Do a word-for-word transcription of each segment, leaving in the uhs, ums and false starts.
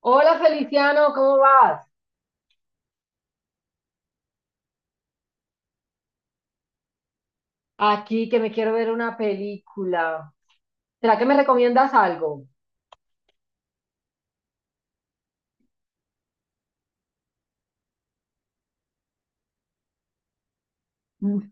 Hola Feliciano, ¿cómo vas? Aquí que me quiero ver una película. ¿Será que me recomiendas algo? Mm,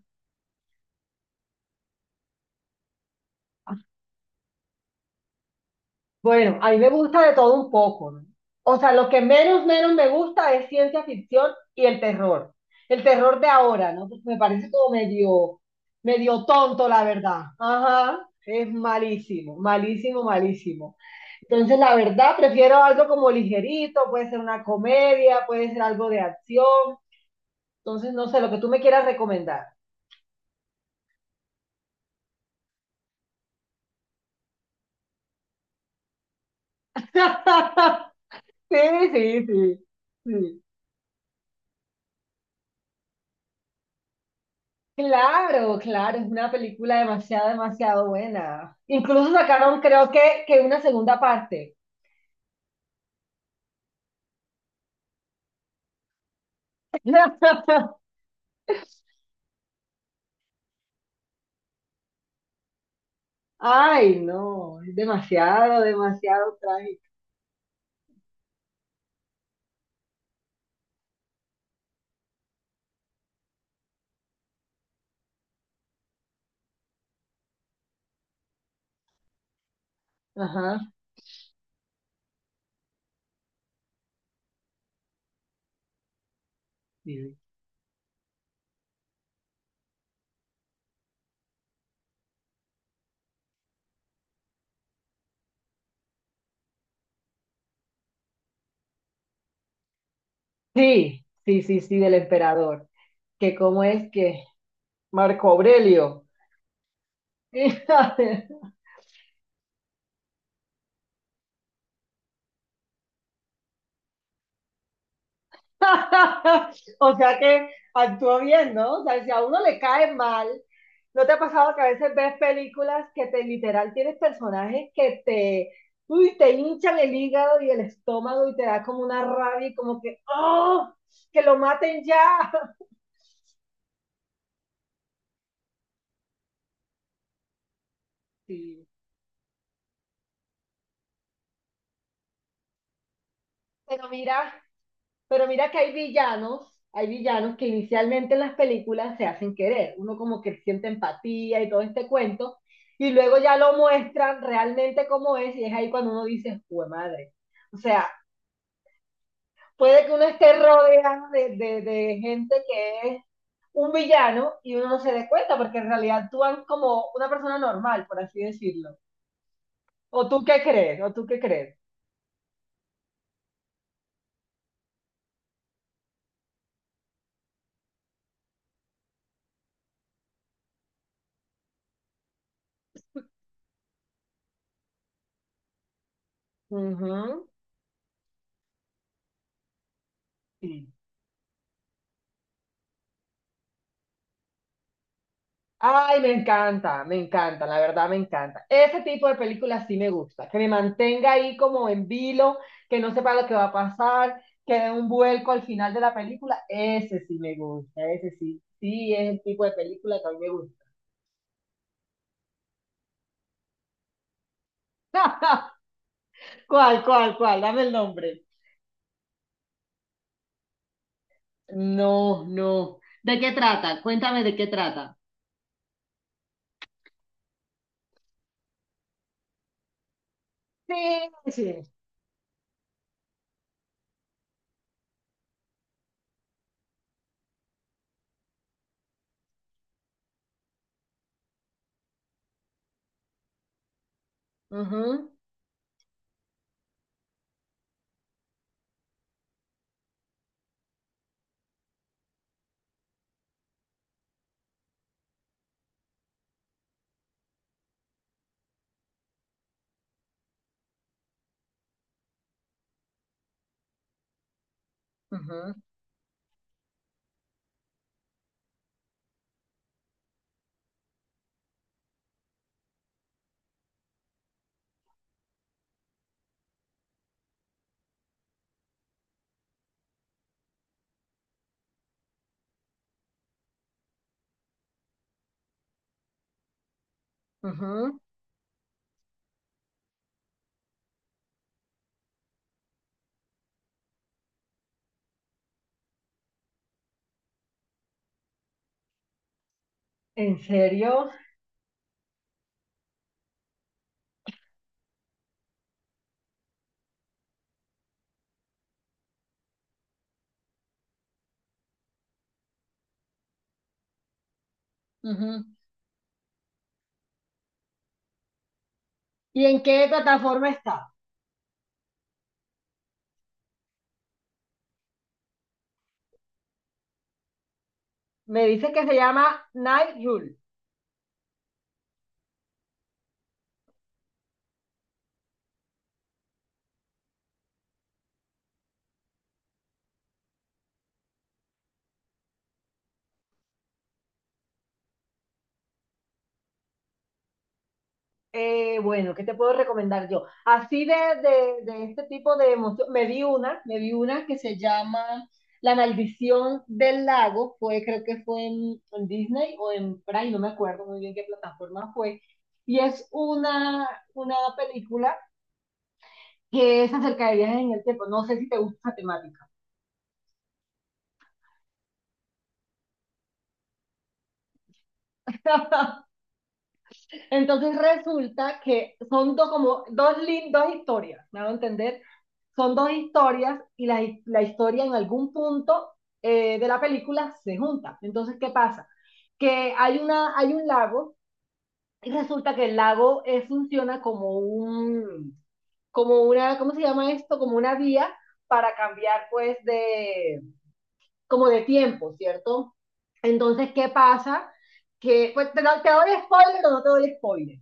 Bueno, a mí me gusta de todo un poco, ¿no? O sea, lo que menos, menos me gusta es ciencia ficción y el terror. El terror de ahora, ¿no? Porque me parece como medio, medio tonto, la verdad. Ajá, es malísimo, malísimo, malísimo. Entonces, la verdad, prefiero algo como ligerito, puede ser una comedia, puede ser algo de acción. Entonces, no sé, lo que tú me quieras recomendar. Sí, sí, sí, sí. Claro, claro, es una película demasiado, demasiado buena. Incluso sacaron, creo que, que una segunda parte. Ay, no, es demasiado, demasiado trágico. Ajá. Sí, sí, sí, sí, sí, del emperador. Que cómo es que Marco Aurelio. O sea que actúa bien, ¿no? O sea, si a uno le cae mal. ¿No te ha pasado que a veces ves películas que te literal tienes personajes que te, uy, te hinchan el hígado y el estómago y te da como una rabia y como que, ¡oh! ¡Que lo maten ya! Sí, Pero mira, pero mira que hay villanos, hay villanos que inicialmente en las películas se hacen querer. Uno como que siente empatía y todo este cuento, y luego ya lo muestran realmente como es, y es ahí cuando uno dice, ¡jue madre! O sea, puede que uno esté rodeado de, de, de, gente que es un villano y uno no se dé cuenta porque en realidad actúan como una persona normal, por así decirlo. ¿O tú qué crees? ¿O tú qué crees? Ujú, sí. Ay, me encanta, me encanta, la verdad me encanta. Ese tipo de películas sí me gusta, que me mantenga ahí como en vilo, que no sepa lo que va a pasar, que dé un vuelco al final de la película. Ese sí me gusta, ese sí, sí es el tipo de película que a mí me gusta. ¿Cuál, cuál, cuál? Dame el nombre. No, no. ¿De qué trata? Cuéntame de qué trata. Sí, sí. Ujú, ujú, ujú, ¿En serio? Ujú. ¿Y en qué plataforma está? Me dice que se llama Night Rule. Eh, bueno, ¿qué te puedo recomendar yo? Así de, de, de este tipo de emoción, me vi una, me vi una que se llama La Maldición del Lago, fue, creo que fue en, en, Disney o en Prime, no me acuerdo muy bien qué plataforma fue, y es una, una película que es acerca de viajes en el tiempo, no sé si te gusta esa temática. Entonces resulta que son dos, como, dos, lin- dos historias, ¿me hago entender? Son dos historias y la, hi- la historia en algún punto eh, de la película se junta. Entonces, ¿qué pasa? Que hay, una, hay un lago y resulta que el lago eh, funciona como un, como una, ¿cómo se llama esto? Como una vía para cambiar pues de, como de tiempo, ¿cierto? Entonces, ¿qué pasa? Que, pues, te, do- te doy spoiler o no te doy spoiler.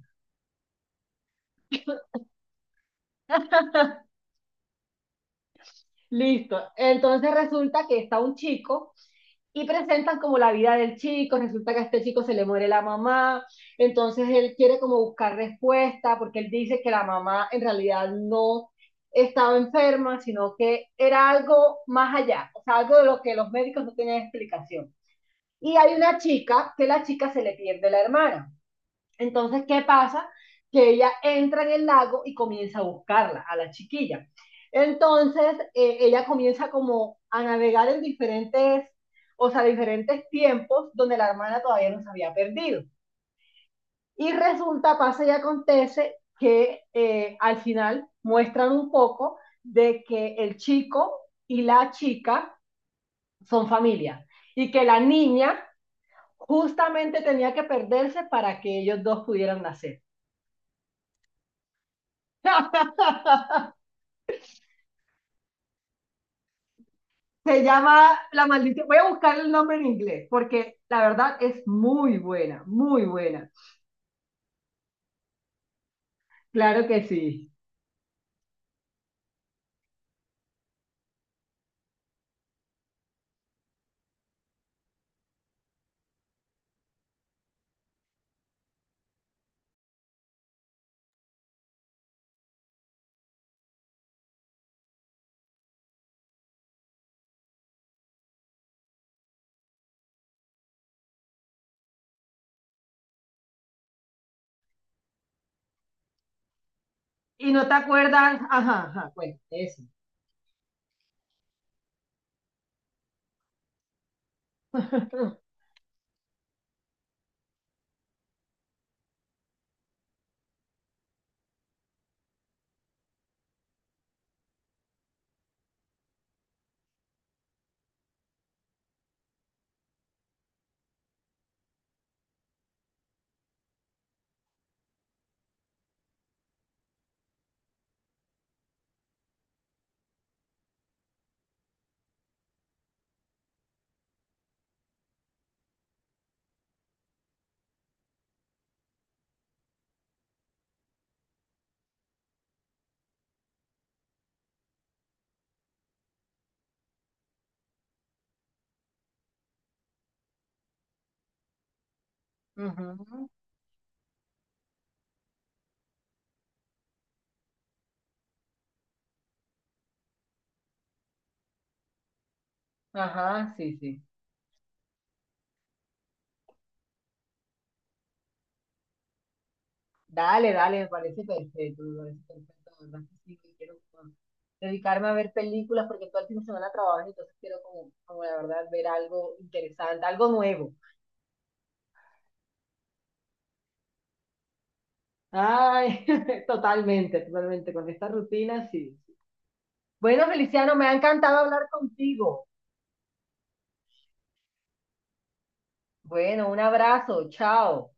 Listo. Entonces resulta que está un chico y presentan como la vida del chico. Resulta que a este chico se le muere la mamá. Entonces él quiere como buscar respuesta porque él dice que la mamá en realidad no estaba enferma, sino que era algo más allá, o sea, algo de lo que los médicos no tenían explicación. Y hay una chica que la chica se le pierde la hermana. Entonces, ¿qué pasa? Que ella entra en el lago y comienza a buscarla, a la chiquilla. Entonces, eh, ella comienza como a navegar en diferentes, o sea, diferentes tiempos donde la hermana todavía no se había perdido. Y resulta, pasa y acontece que eh, al final muestran un poco de que el chico y la chica son familia y que la niña justamente tenía que perderse para que ellos dos pudieran nacer. ¡Ja! Se llama La Maldición. Voy a buscar el nombre en inglés porque la verdad es muy buena, muy buena. Claro que sí. Y no te acuerdas, ajá, ajá, bueno, eso. Ujú, ajá, sí, sí. Dale, dale, me parece perfecto, me parece perfecto. la verdad que sí, que quiero como, dedicarme a ver películas porque todo el fin de semana trabajo, entonces quiero como, como la verdad ver algo interesante, algo nuevo. Ay, totalmente, totalmente, con esta rutina sí. Bueno, Feliciano, me ha encantado hablar contigo. Bueno, un abrazo, chao.